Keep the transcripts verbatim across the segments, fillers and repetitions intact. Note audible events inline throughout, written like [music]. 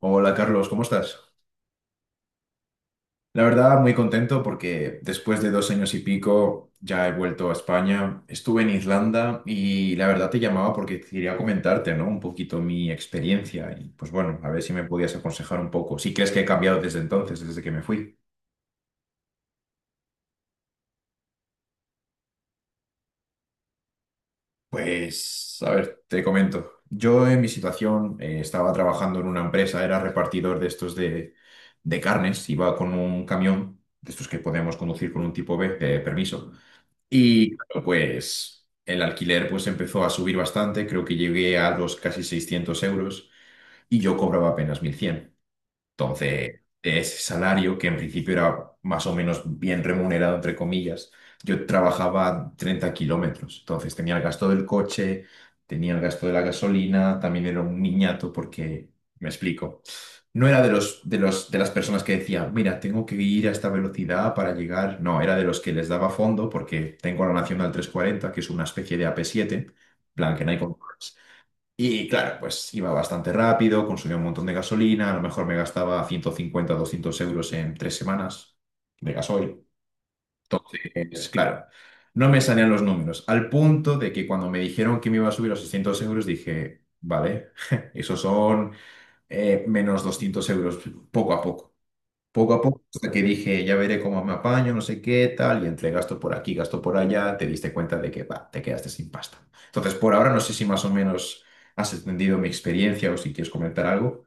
Hola Carlos, ¿cómo estás? La verdad, muy contento porque después de dos años y pico ya he vuelto a España. Estuve en Irlanda y la verdad te llamaba porque quería comentarte, ¿no? Un poquito mi experiencia y pues bueno, a ver si me podías aconsejar un poco, si crees que he cambiado desde entonces, desde que me fui. Pues, a ver, te comento. Yo en mi situación eh, estaba trabajando en una empresa, era repartidor de estos de, de carnes, iba con un camión, de estos que podemos conducir con un tipo B de permiso. Y claro, pues el alquiler pues empezó a subir bastante, creo que llegué a los casi seiscientos euros y yo cobraba apenas mil cien. Entonces, de ese salario, que en principio era más o menos bien remunerado, entre comillas, yo trabajaba treinta kilómetros. Entonces, tenía el gasto del coche, tenía el gasto de la gasolina, también era un niñato porque, me explico, no era de los, de los, de las personas que decía, mira, tengo que ir a esta velocidad para llegar. No, era de los que les daba fondo porque tengo la Nacional trescientos cuarenta, que es una especie de A P siete, plan que no hay control. Y claro, pues iba bastante rápido, consumía un montón de gasolina, a lo mejor me gastaba ciento cincuenta doscientos euros en tres semanas de gasoil. Entonces, claro, no me salían los números, al punto de que cuando me dijeron que me iba a subir a seiscientos euros, dije, vale, [laughs] esos son eh, menos doscientos euros poco a poco. Poco a poco, hasta que dije, ya veré cómo me apaño, no sé qué, tal, y entre gasto por aquí, gasto por allá, te diste cuenta de que, va, te quedaste sin pasta. Entonces, por ahora no sé si más o menos has entendido mi experiencia o si quieres comentar algo.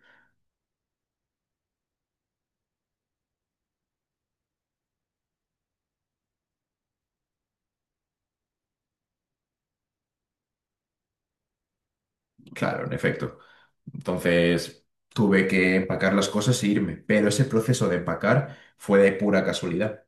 Claro, en efecto. Entonces, tuve que empacar las cosas e irme, pero ese proceso de empacar fue de pura casualidad.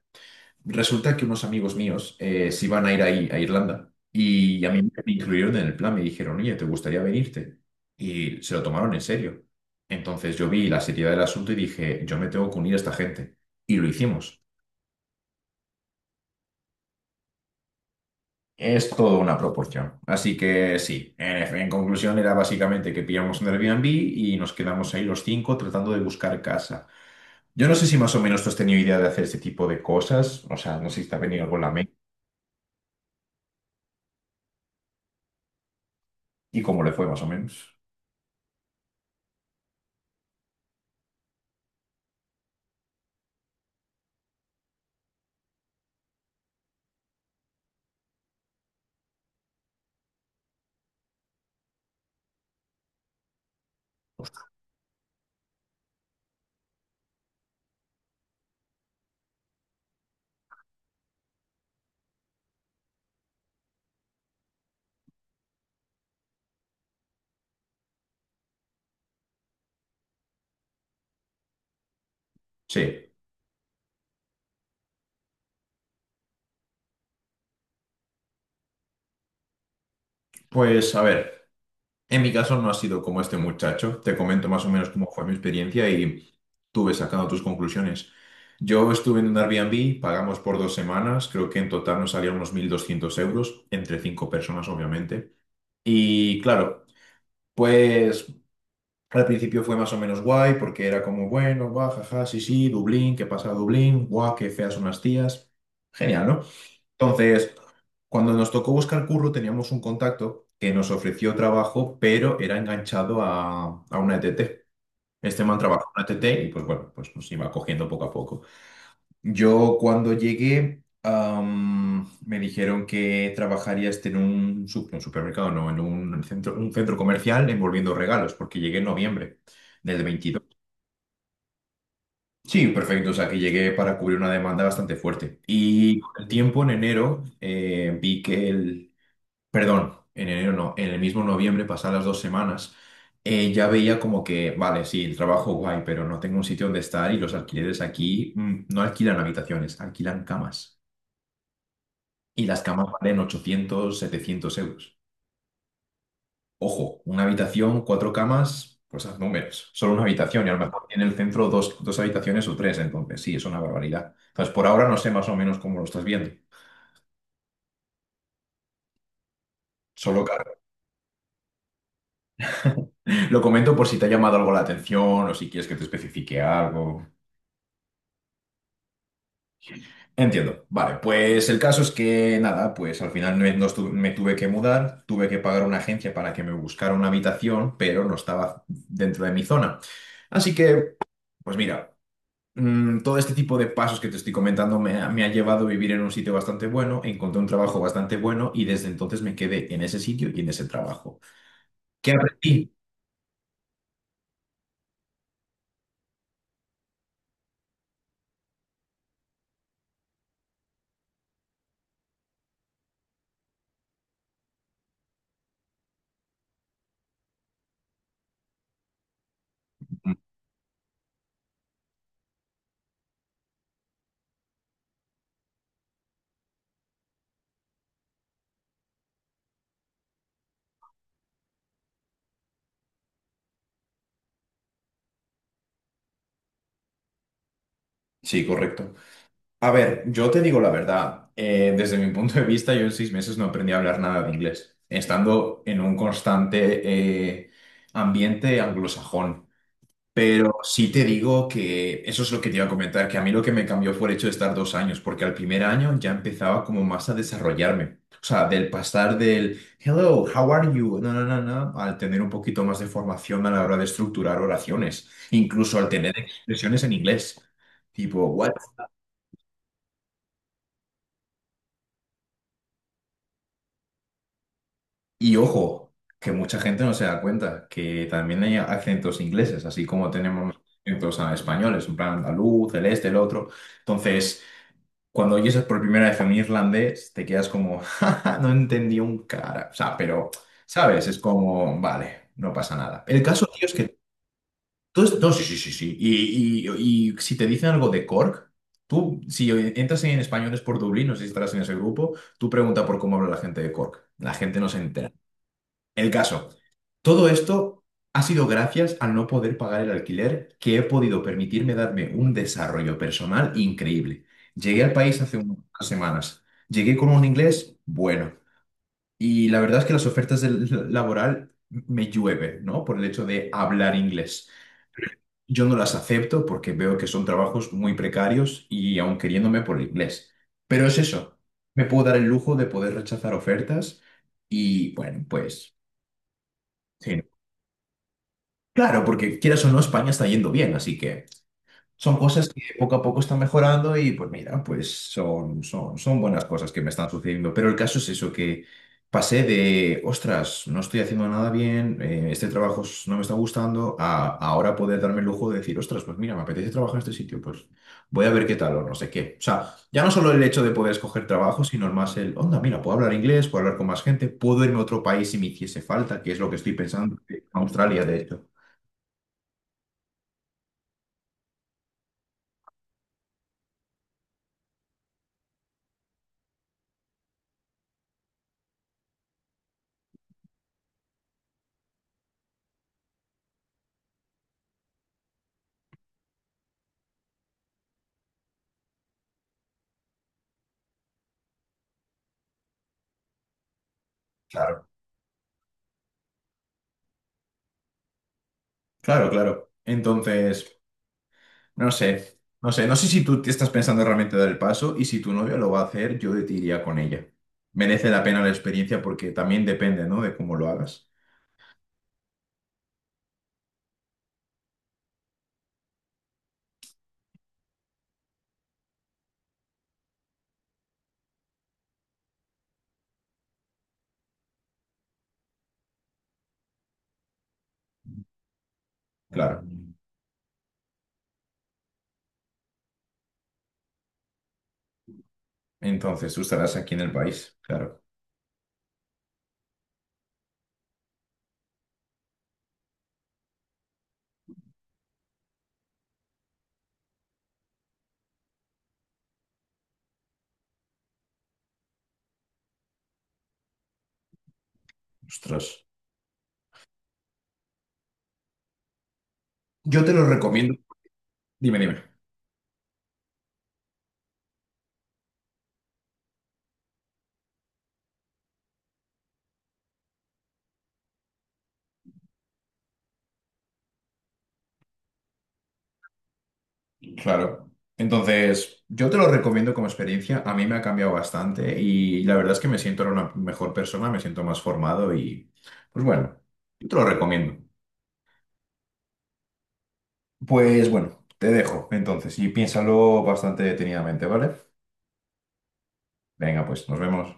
Resulta que unos amigos míos eh, se iban a ir ahí, a Irlanda y a mí me incluyeron en el plan, me dijeron, oye, ¿te gustaría venirte? Y se lo tomaron en serio. Entonces yo vi la seriedad del asunto y dije, yo me tengo que unir a esta gente. Y lo hicimos. Es toda una proporción. Así que sí, en, en conclusión era básicamente que pillamos un Airbnb y nos quedamos ahí los cinco tratando de buscar casa. Yo no sé si más o menos tú has tenido idea de hacer este tipo de cosas, o sea, no sé si te ha venido algo en la mente y cómo le fue más o menos. Sí. Pues a ver, en mi caso no ha sido como este muchacho. Te comento más o menos cómo fue mi experiencia y tú ves sacando tus conclusiones. Yo estuve en un Airbnb, pagamos por dos semanas, creo que en total nos salieron unos mil doscientos euros, entre cinco personas obviamente. Y claro, pues al principio fue más o menos guay porque era como, bueno, guau, jaja, sí, sí, Dublín, ¿qué pasa Dublín? Guau, qué feas son las tías. Genial, ¿no? Entonces, cuando nos tocó buscar curro, teníamos un contacto que nos ofreció trabajo, pero era enganchado a, a una E T T. Este man trabajó en una E T T y pues bueno, pues nos iba cogiendo poco a poco. Yo cuando llegué, am, me dijeron que trabajaría este en un, sup- un supermercado, no, en un centro, un centro comercial envolviendo regalos, porque llegué en noviembre del veintidós. Sí, perfecto. O sea, que llegué para cubrir una demanda bastante fuerte. Y con el tiempo, en enero, eh, vi que el, perdón, en enero no, en el mismo noviembre, pasadas las dos semanas, eh, ya veía como que, vale, sí, el trabajo guay, pero no tengo un sitio donde estar y los alquileres aquí mm, no alquilan habitaciones, alquilan camas. Y las camas valen ochocientos, setecientos euros. Ojo, una habitación, cuatro camas, pues haz números. Solo una habitación y a lo mejor tiene el centro dos, dos habitaciones o tres, entonces sí, es una barbaridad. Entonces, por ahora no sé más o menos cómo lo estás viendo. Solo que [laughs] lo comento por si te ha llamado algo la atención o si quieres que te especifique algo. Entiendo. Vale, pues el caso es que nada, pues al final me, nos tu- me tuve que mudar, tuve que pagar una agencia para que me buscara una habitación, pero no estaba dentro de mi zona. Así que, pues mira, mm, todo este tipo de pasos que te estoy comentando me ha, me ha llevado a vivir en un sitio bastante bueno, encontré un trabajo bastante bueno y desde entonces me quedé en ese sitio y en ese trabajo. ¿Qué aprendí? Mm, Sí, correcto. A ver, yo te digo la verdad. eh, desde mi punto de vista, yo en seis meses no aprendí a hablar nada de inglés, estando en un constante eh, ambiente anglosajón. Pero sí te digo que eso es lo que te iba a comentar, que a mí lo que me cambió fue el hecho de estar dos años, porque al primer año ya empezaba como más a desarrollarme. O sea, del pasar del hello, how are you, no, no, no, no, al tener un poquito más de formación a la hora de estructurar oraciones, incluso al tener expresiones en inglés. Tipo, y ojo, que mucha gente no se da cuenta que también hay acentos ingleses, así como tenemos acentos ah, españoles, en plan andaluz, el este, el otro. Entonces, cuando oyes por primera vez un irlandés, te quedas como, [laughs] "Ja, ja, no entendí un cara". O sea, pero, ¿sabes? Es como, vale, no pasa nada. El caso, tío, es que tú, es- no, sí, sí, sí, sí. Y, y- y si te dicen algo de Cork, tú, si entras en Españoles por Dublín, no sé si estarás en ese grupo, tú pregunta por cómo habla la gente de Cork. La gente no se entera. El caso, todo esto ha sido gracias al no poder pagar el alquiler que he podido permitirme darme un desarrollo personal increíble. Llegué al país hace unas semanas. Llegué con un inglés bueno. Y la verdad es que las ofertas del [laughs] laboral me llueve, ¿no? Por el hecho de hablar inglés. Yo no las acepto porque veo que son trabajos muy precarios y aun queriéndome por el inglés. Pero es eso. Me puedo dar el lujo de poder rechazar ofertas y, bueno, pues... sí, claro, porque quieras o no, España está yendo bien, así que son cosas que poco a poco están mejorando y pues mira, pues son, son, son buenas cosas que me están sucediendo. Pero el caso es eso, que pasé de, ostras, no estoy haciendo nada bien, eh, este trabajo s- no me está gustando, a ahora poder darme el lujo de decir, ostras, pues mira, me apetece trabajar en este sitio, pues voy a ver qué tal o no sé qué. O sea, ya no solo el hecho de poder escoger trabajo, sino más el, onda, mira, puedo hablar inglés, puedo hablar con más gente, puedo irme a otro país si me hiciese falta, que es lo que estoy pensando, en Australia, de hecho. Claro. Claro, claro. Entonces, no sé, no sé, no sé si tú te estás pensando realmente dar el paso y si tu novia lo va a hacer, yo te iría con ella. Merece la pena la experiencia porque también depende, ¿no? De cómo lo hagas. Claro. Entonces, tú estarás aquí en el país. Claro. Ostras. Yo te lo recomiendo. Dime, dime. Claro. Entonces, yo te lo recomiendo como experiencia. A mí me ha cambiado bastante y la verdad es que me siento ahora una mejor persona, me siento más formado y, pues bueno, yo te lo recomiendo. Pues bueno, te dejo entonces y piénsalo bastante detenidamente, ¿vale? Venga, pues nos vemos.